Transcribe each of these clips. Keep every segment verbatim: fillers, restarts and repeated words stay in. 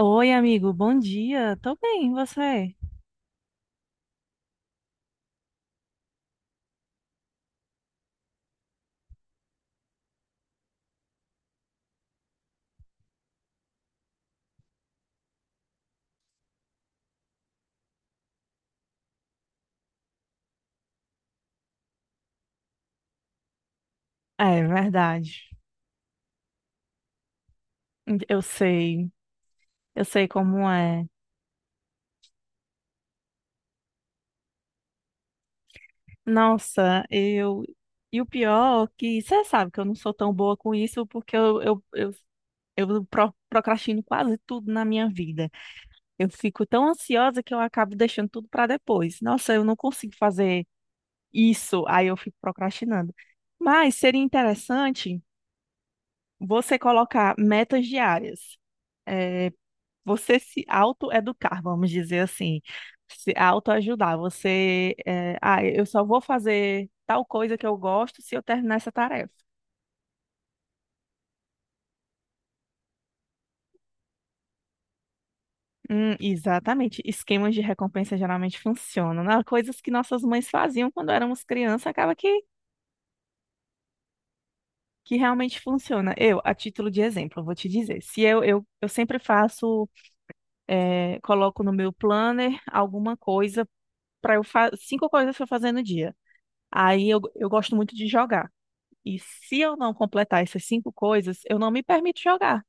Oi, amigo, bom dia. Tô bem, e você? É verdade. Eu sei, eu sei como é. Nossa, eu. E o pior é que você sabe que eu não sou tão boa com isso porque eu, eu, eu, eu pro- procrastino quase tudo na minha vida. Eu fico tão ansiosa que eu acabo deixando tudo para depois. Nossa, eu não consigo fazer isso, aí eu fico procrastinando. Mas seria interessante você colocar metas diárias. Você se autoeducar, vamos dizer assim, se autoajudar. Você, eh, ah, eu só vou fazer tal coisa que eu gosto se eu terminar essa tarefa. Hum, exatamente. Esquemas de recompensa geralmente funcionam, né? Coisas que nossas mães faziam quando éramos criança, acaba que que realmente funciona. Eu, a título de exemplo, eu vou te dizer. Se eu, eu, eu sempre faço, eh, coloco no meu planner alguma coisa para eu fazer, cinco coisas para eu fazer no dia. Aí eu, eu gosto muito de jogar. E se eu não completar essas cinco coisas, eu não me permito jogar.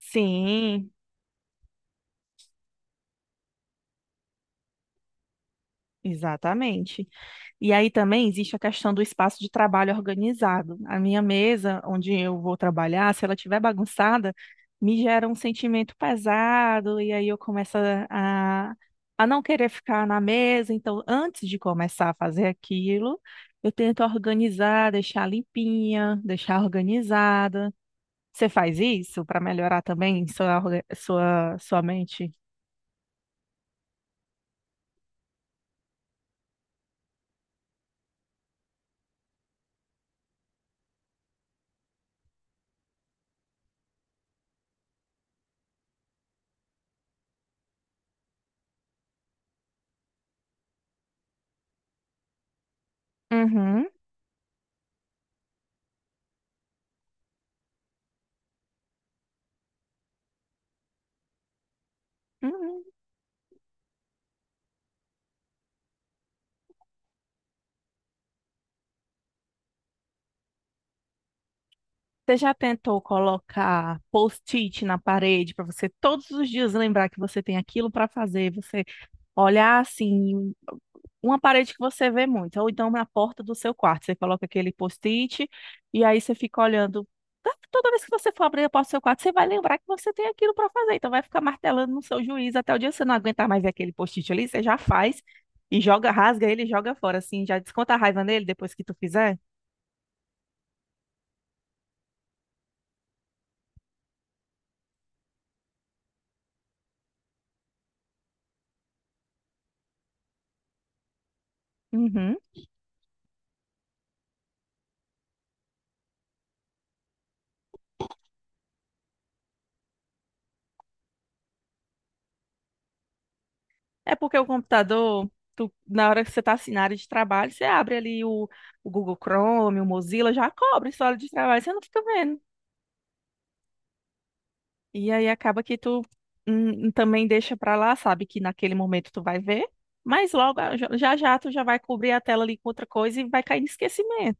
Sim, exatamente. E aí também existe a questão do espaço de trabalho organizado. A minha mesa, onde eu vou trabalhar, se ela estiver bagunçada, me gera um sentimento pesado, e aí eu começo a, a não querer ficar na mesa. Então, antes de começar a fazer aquilo, eu tento organizar, deixar limpinha, deixar organizada. Você faz isso para melhorar também sua, orga- sua, sua mente? Uhum, uhum. Você já tentou colocar post-it na parede para você todos os dias lembrar que você tem aquilo para fazer? Você olhar assim, uma parede que você vê muito, ou então na porta do seu quarto, você coloca aquele post-it e aí você fica olhando. Tá. Toda vez que você for abrir a porta do seu quarto, você vai lembrar que você tem aquilo para fazer. Então vai ficar martelando no seu juiz até o dia que você não aguentar mais ver aquele post-it ali, você já faz e joga, rasga ele e joga fora, assim, já desconta a raiva nele depois que tu fizer. Uhum. É porque o computador, tu- na hora que você está assim, na área de trabalho, você abre ali o, o Google Chrome, o Mozilla, já cobre sua área de trabalho, você não fica vendo. E aí acaba que tu hum, hum, também deixa pra lá, sabe que naquele momento tu vai ver, mas logo ah, já já já tu já vai cobrir a tela ali com outra coisa e vai cair em esquecimento.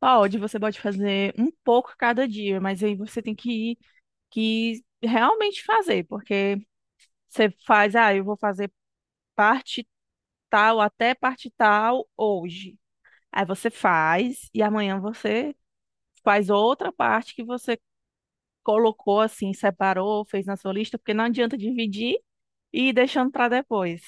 Pode, você pode fazer um pouco cada dia, mas aí você tem que ir, que realmente fazer, porque você faz, ah, eu vou fazer parte tal até parte tal hoje. Aí você faz e amanhã você faz outra parte que você colocou assim, separou, fez na sua lista, porque não adianta dividir e ir deixando para depois.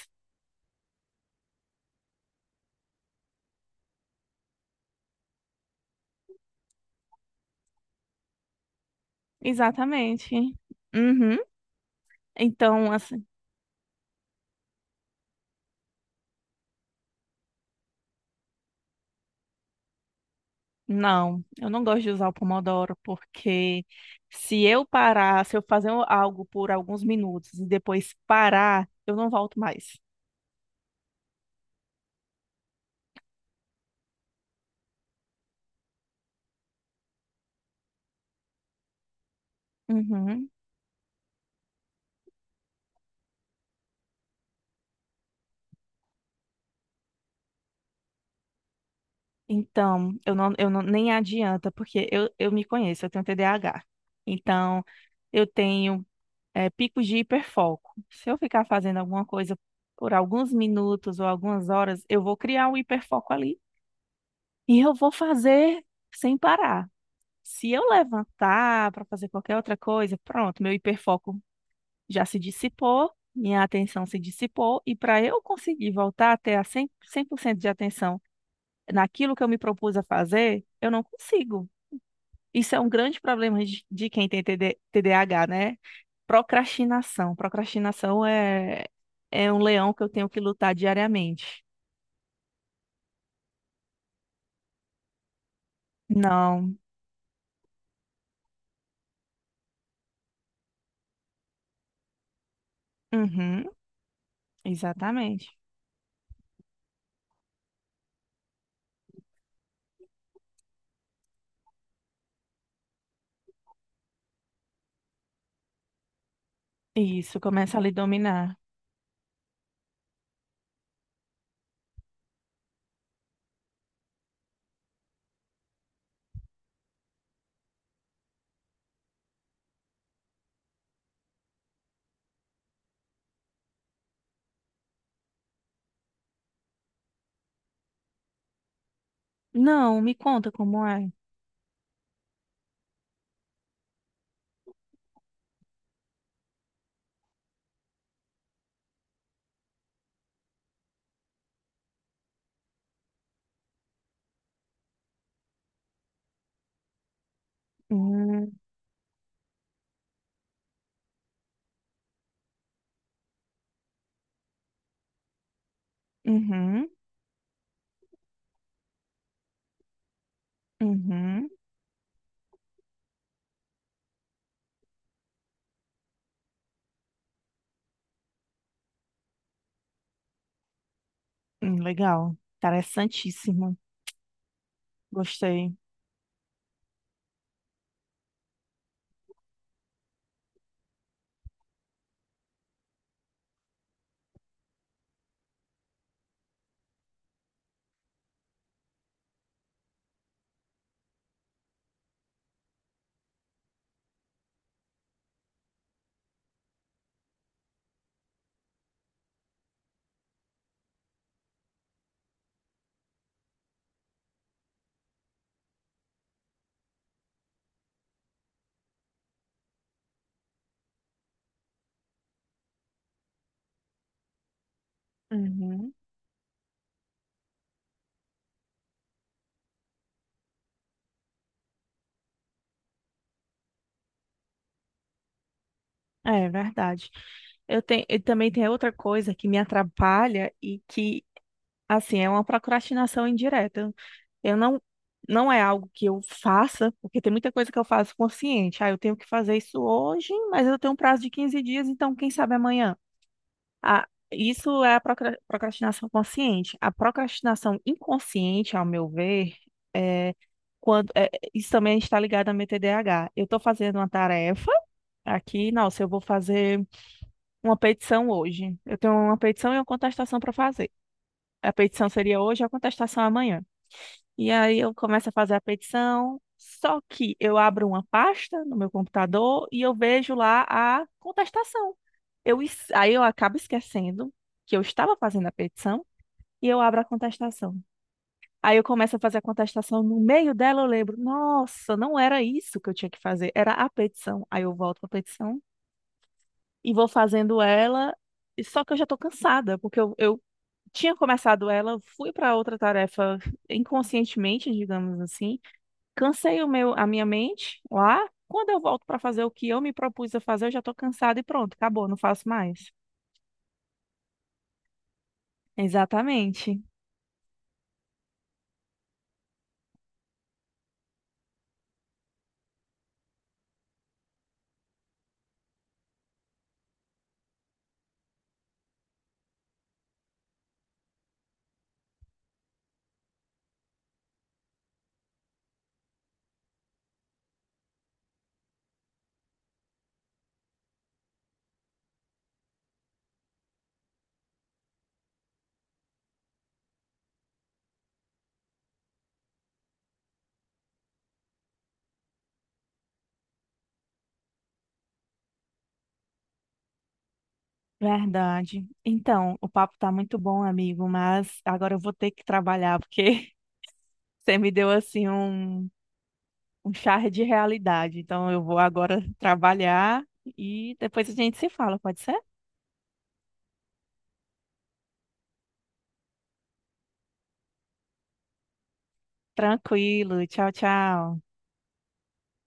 Exatamente. Uhum. Então, assim, não, eu não gosto de usar o Pomodoro, porque se eu parar, se eu fazer algo por alguns minutos e depois parar, eu não volto mais. Uhum. Então, eu não, eu não, nem adianta, porque eu, eu me conheço, eu tenho T D A H. Então, eu tenho é, picos de hiperfoco. Se eu ficar fazendo alguma coisa por alguns minutos ou algumas horas, eu vou criar um hiperfoco ali e eu vou fazer sem parar. Se eu levantar para fazer qualquer outra coisa, pronto, meu hiperfoco já se dissipou, minha atenção se dissipou, e para eu conseguir voltar a ter a cem, cem por cento de atenção naquilo que eu me propus a fazer, eu não consigo. Isso é um grande problema de, de quem tem TD, T D A H, né? Procrastinação. Procrastinação é, é um leão que eu tenho que lutar diariamente. Não. Uhum, exatamente. Isso, começa a lhe dominar. Não, me conta como é. Hum, Uhum, uhum, hum, legal. Interessantíssimo. Gostei. Uhum. É verdade. Eu tenho, e também tem outra coisa que me atrapalha e que, assim, é uma procrastinação indireta. Eu não, não é algo que eu faça, porque tem muita coisa que eu faço consciente. Ah, eu tenho que fazer isso hoje, mas eu tenho um prazo de quinze dias, então quem sabe amanhã. Ah, isso é a procra- procrastinação consciente. A procrastinação inconsciente, ao meu ver, é quando é, isso também está ligado ao meu T D A H. Eu estou fazendo uma tarefa aqui, nossa, eu vou fazer uma petição hoje. Eu tenho uma petição e uma contestação para fazer. A petição seria hoje, a contestação amanhã. E aí eu começo a fazer a petição, só que eu abro uma pasta no meu computador e eu vejo lá a contestação. Eu, es- aí eu acabo esquecendo que eu estava fazendo a petição e eu abro a contestação. Aí eu começo a fazer a contestação, no meio dela eu lembro, nossa, não era isso que eu tinha que fazer, era a petição. Aí eu volto para a petição e vou fazendo ela, e só que eu já estou cansada, porque eu, eu tinha começado ela, fui para outra tarefa inconscientemente, digamos assim. Cansei o meu, a minha mente lá. Quando eu volto para fazer o que eu me propus a fazer, eu já estou cansada e pronto, acabou, não faço mais. Exatamente. Verdade. Então, o papo tá muito bom, amigo, mas agora eu vou ter que trabalhar porque você me deu assim um, um, charre de realidade. Então, eu vou agora trabalhar e depois a gente se fala, pode ser? Tranquilo. Tchau, tchau.